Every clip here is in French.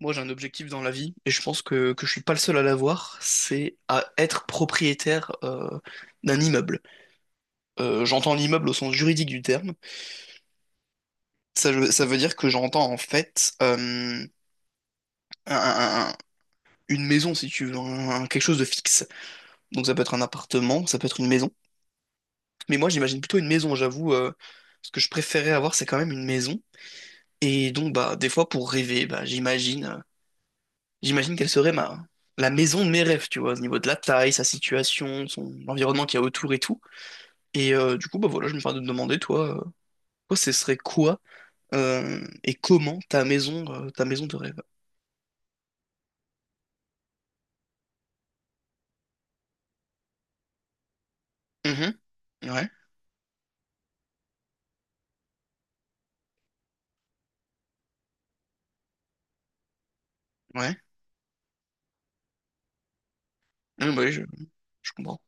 Moi, j'ai un objectif dans la vie, et je pense que je suis pas le seul à l'avoir, c'est à être propriétaire d'un immeuble. J'entends l'immeuble au sens juridique du terme. Ça, ça veut dire que j'entends en fait un- un- un- une maison, si tu veux, quelque chose de fixe. Donc ça peut être un appartement, ça peut être une maison. Mais moi, j'imagine plutôt une maison, j'avoue. Ce que je préférais avoir, c'est quand même une maison. Et donc, bah, des fois, pour rêver, bah, j'imagine. J'imagine qu'elle serait la maison de mes rêves, tu vois, au niveau de la taille, sa situation, son l'environnement qu'il y a autour et tout. Et du coup, bah voilà, je me permets de te demander, toi, ce serait quoi et comment ta maison, de rêve? Mhm. Ouais, ouais. Ouais, bah oui, je comprends.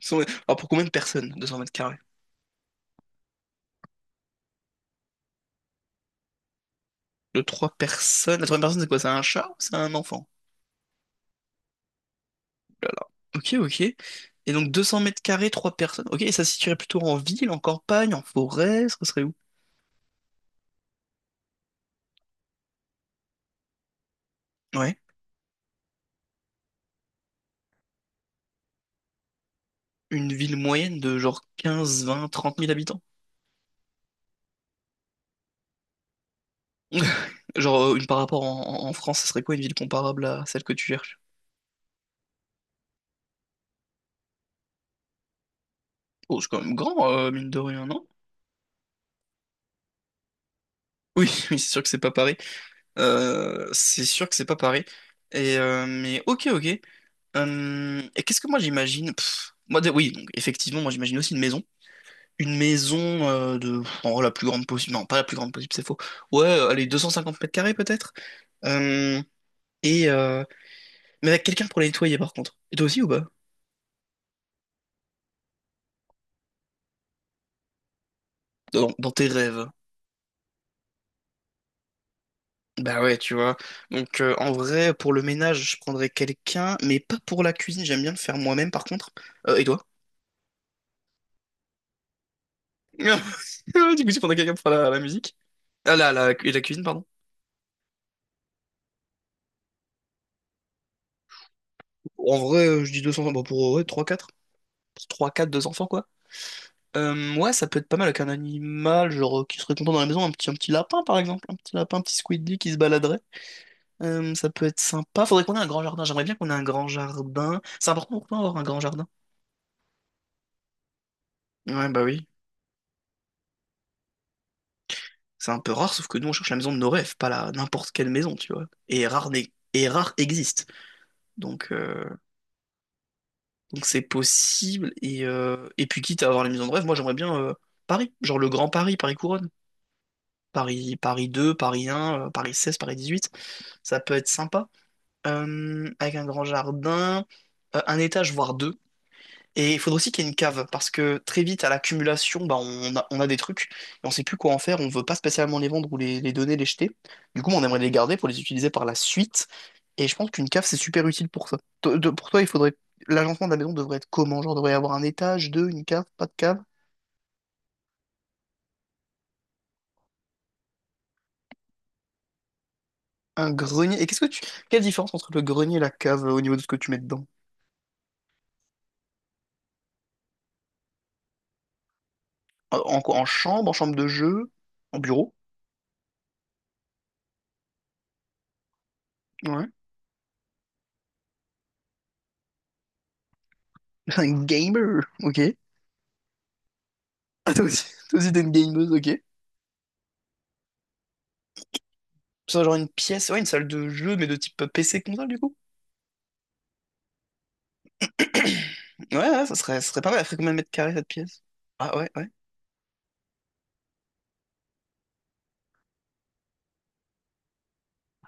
Cent- Alors pour combien de personnes, 200 mètres carrés? De trois personnes? La troisième personne, c'est quoi? C'est un chat ou c'est un enfant? Oh là là. Ok, ok. Et donc 200 mètres carrés, trois personnes. Ok, et ça se situerait plutôt en ville, en campagne, en forêt, ce serait où? Ouais. Une ville moyenne de genre quinze vingt trente mille habitants. Genre, une par rapport en France, ça serait quoi une ville comparable à celle que tu cherches? Oh, c'est quand même grand, mine de rien, non? Oui, oui, c'est sûr que c'est pas pareil. C'est sûr que c'est pas pareil. Et, mais ok, ok. Et qu'est-ce que moi j'imagine? Moi, oui, donc effectivement, moi j'imagine aussi une maison. Une maison de en vrai, la plus grande possible. Non, pas la plus grande possible, c'est faux. Ouais, allez, 250 mètres carrés peut-être. Euh, et mais avec quelqu'un pour la nettoyer par contre. Et toi aussi ou pas? Dans tes rêves. Bah ouais, tu vois. Donc en vrai, pour le ménage, je prendrais quelqu'un, mais pas pour la cuisine, j'aime bien le faire moi-même par contre. Et toi? Du coup, tu prendrais quelqu'un pour faire la musique? Ah là, la cuisine, pardon. En vrai, je dis deux enfants bon, pour ouais, 3-4. 3-4, deux enfants, quoi. Ouais, ça peut être pas mal avec un animal, genre, qui serait content dans la maison, un petit lapin, par exemple. Un petit lapin, un petit squidly qui se baladerait. Ça peut être sympa. Faudrait qu'on ait un grand jardin. J'aimerais bien qu'on ait un grand jardin. C'est important pour toi d'avoir un grand jardin. Ouais, bah oui. C'est un peu rare, sauf que nous, on cherche la maison de nos rêves, pas la n'importe quelle maison, tu vois. Et rare, et rare existe. Donc, euh, donc c'est possible. Et puis, quitte à avoir les maisons de rêve, moi, j'aimerais bien Paris. Genre le Grand Paris, Paris Couronne. Paris, Paris 2 Paris un Paris 16 Paris dix-huit. Ça peut être sympa. Avec un grand jardin, un étage, voire deux. Et il faudrait aussi qu'il y ait une cave, parce que très vite, à l'accumulation, bah, on a des trucs, et on sait plus quoi en faire, on veut pas spécialement les vendre ou les donner, les jeter. Du coup, on aimerait les garder pour les utiliser par la suite, et je pense qu'une cave, c'est super utile pour ça. Pour toi, il faudrait. L'agencement de la maison devrait être comment? Genre, devrait y avoir un étage, deux, une cave, pas de cave, un grenier. Et qu'est-ce que tu. Quelle différence entre le grenier et la cave au niveau de ce que tu mets dedans? En quoi? En chambre de jeu, en bureau? Ouais. Un gamer, ok. Ah, toi aussi t'es une gameuse, ok. Ça, genre une pièce, ouais, une salle de jeu, mais de type PC console, du coup. Ouais, ouais, ça serait pas mal. Elle ferait combien de mètres carrés, cette pièce? Ah ouais, ouais.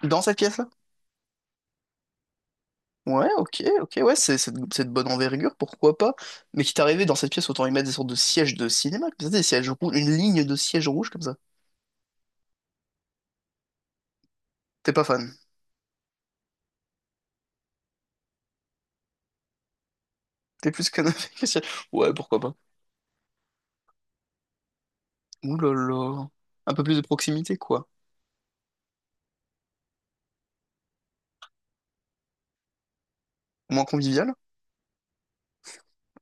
Dans cette pièce-là? Ouais, ok, ok, ouais, c'est de bonne envergure, pourquoi pas. Mais quitte à arriver dans cette pièce, autant y mettre des sortes de sièges de cinéma, comme ça, des sièges rouges, une ligne de sièges rouges comme ça. T'es pas fan. T'es plus canapé que siège. Ouais, pourquoi pas. Ouh là là. Un peu plus de proximité, quoi. Moins convivial.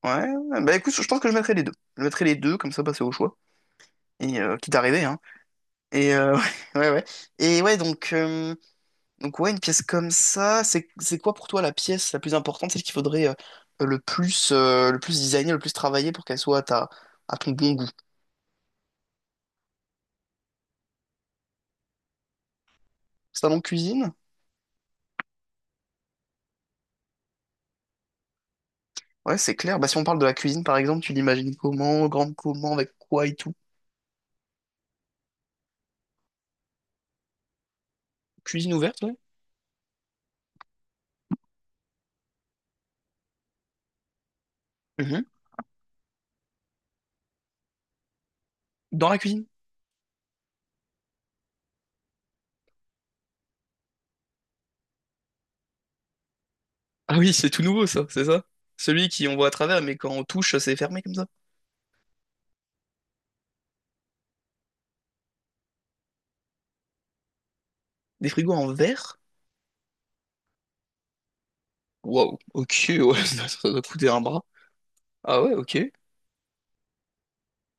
Ouais, ouais. Bah écoute, je pense que je mettrai les deux. Je mettrai les deux, comme ça, bah, c'est au choix. Et quitte à arriver, hein. Et ouais, ouais, ouais. Et ouais, donc ouais, une pièce comme ça, c'est quoi pour toi la pièce la plus importante, celle qu'il faudrait le plus le plus designer, le plus travailler pour qu'elle soit à ta, à ton bon goût? Salon de cuisine? Ouais, c'est clair. Bah si on parle de la cuisine par exemple, tu l'imagines comment, grande comment, avec quoi et tout. Cuisine ouverte, ouais. Mhm. Dans la cuisine? Ah oui, c'est tout nouveau ça, c'est ça? Celui qui on voit à travers, mais quand on touche, c'est fermé comme ça. Des frigos en verre? Waouh, ok, ouais, ça doit coûter un bras. Ah ouais, ok.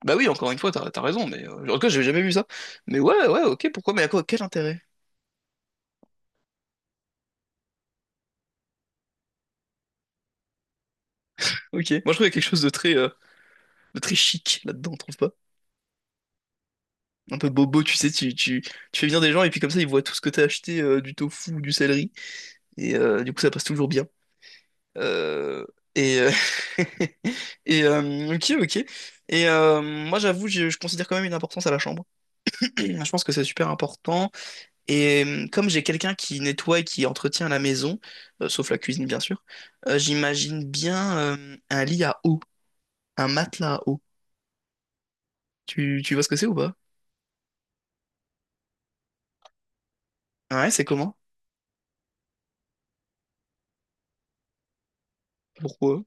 Bah oui, encore une fois, t'as raison, mais en tout cas, j'avais jamais vu ça. Mais ouais, ouais, ok, pourquoi, mais à quoi, quel intérêt? Ok. Moi, je trouve qu'il y a quelque chose de très, chic là-dedans, trouve pas? Un peu bobo, tu sais, tu fais venir des gens et puis comme ça, ils voient tout ce que t'as acheté, du tofu ou du céleri, et du coup, ça passe toujours bien. Euh, et, ok, ok. Et moi, j'avoue, je considère quand même une importance à la chambre. Je pense que c'est super important. Et comme j'ai quelqu'un qui nettoie et qui entretient la maison, sauf la cuisine bien sûr, j'imagine bien un lit à eau, un matelas à eau. Tu vois ce que c'est ou pas? Ouais, c'est comment? Pourquoi?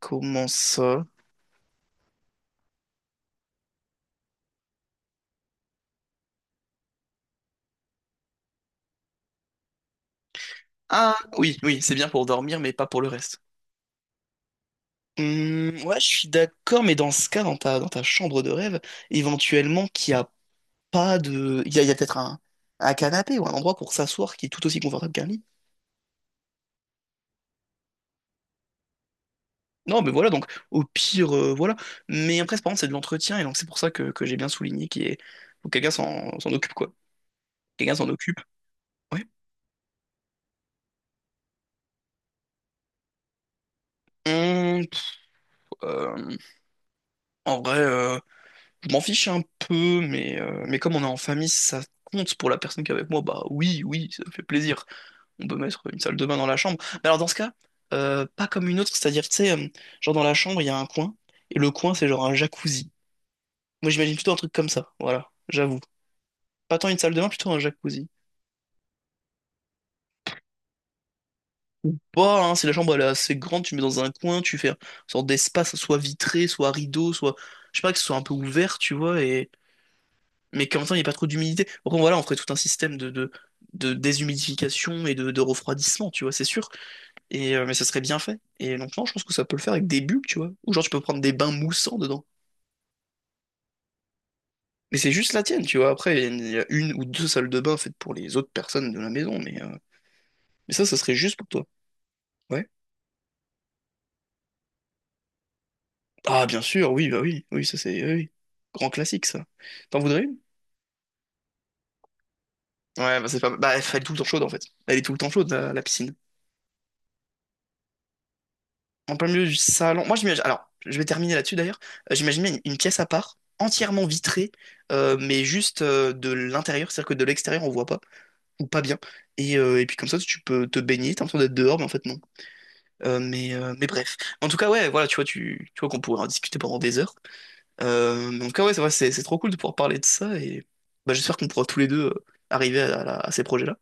Comment ça? Ah oui, oui, c'est bien pour dormir, mais pas pour le reste. Ouais, je suis d'accord, mais dans ce cas, dans ta chambre de rêve, éventuellement qu'il n'y a pas de. Il y a peut-être un canapé ou un endroit pour s'asseoir qui est tout aussi confortable qu'un lit. Non, mais voilà, donc au pire, voilà. Mais après, c'est par contre, c'est de l'entretien, et donc c'est pour ça que j'ai bien souligné qu'il est. Faut que quelqu'un s'en occupe, quoi. Quelqu'un s'en occupe, ouais. Hum, pff, euh, En vrai, je m'en fiche un peu, mais comme on est en famille, si ça compte pour la personne qui est avec moi, bah oui, oui, ça me fait plaisir. On peut mettre une salle de bain dans la chambre. Mais alors dans ce cas, pas comme une autre, c'est-à-dire, tu sais, genre dans la chambre, il y a un coin, et le coin, c'est genre un jacuzzi. Moi, j'imagine plutôt un truc comme ça, voilà, j'avoue. Pas tant une salle de bain, plutôt un jacuzzi. Pas, hein, c'est la chambre, elle est assez grande, tu mets dans un coin, tu fais une sorte d'espace, soit vitré, soit rideau, soit, je sais pas, que ce soit un peu ouvert, tu vois, et, mais qu'en même temps, il n'y ait pas trop d'humidité. Bon, voilà, on ferait tout un système de déshumidification et de refroidissement, tu vois, c'est sûr. Mais ça serait bien fait. Et donc, non, je pense que ça peut le faire avec des bulles, tu vois, ou genre, tu peux prendre des bains moussants dedans. Mais c'est juste la tienne, tu vois. Après, il y a une ou deux salles de bain faites pour les autres personnes de la maison, mais ça serait juste pour toi. Ouais. Ah, bien sûr, oui, bah oui, oui, oui, oui. Grand classique, ça. T'en voudrais une? Ouais, bah c'est pas, bah elle est tout le temps chaude en fait. Elle est tout le temps chaude, la piscine. En plein milieu du salon. Moi, j'imagine, alors, je vais terminer là-dessus d'ailleurs. J'imaginais une pièce à part, entièrement vitrée, mais juste de l'intérieur, c'est-à-dire que de l'extérieur on voit pas, ou pas bien. Et puis comme ça, tu peux te baigner, t'as l'impression d'être dehors, mais en fait non. Mais bref. En tout cas, ouais, voilà, tu vois, tu vois qu'on pourrait en discuter pendant des heures. Donc ah ouais, c'est vrai, c'est trop cool de pouvoir parler de ça et bah, j'espère qu'on pourra tous les deux arriver à ces projets-là.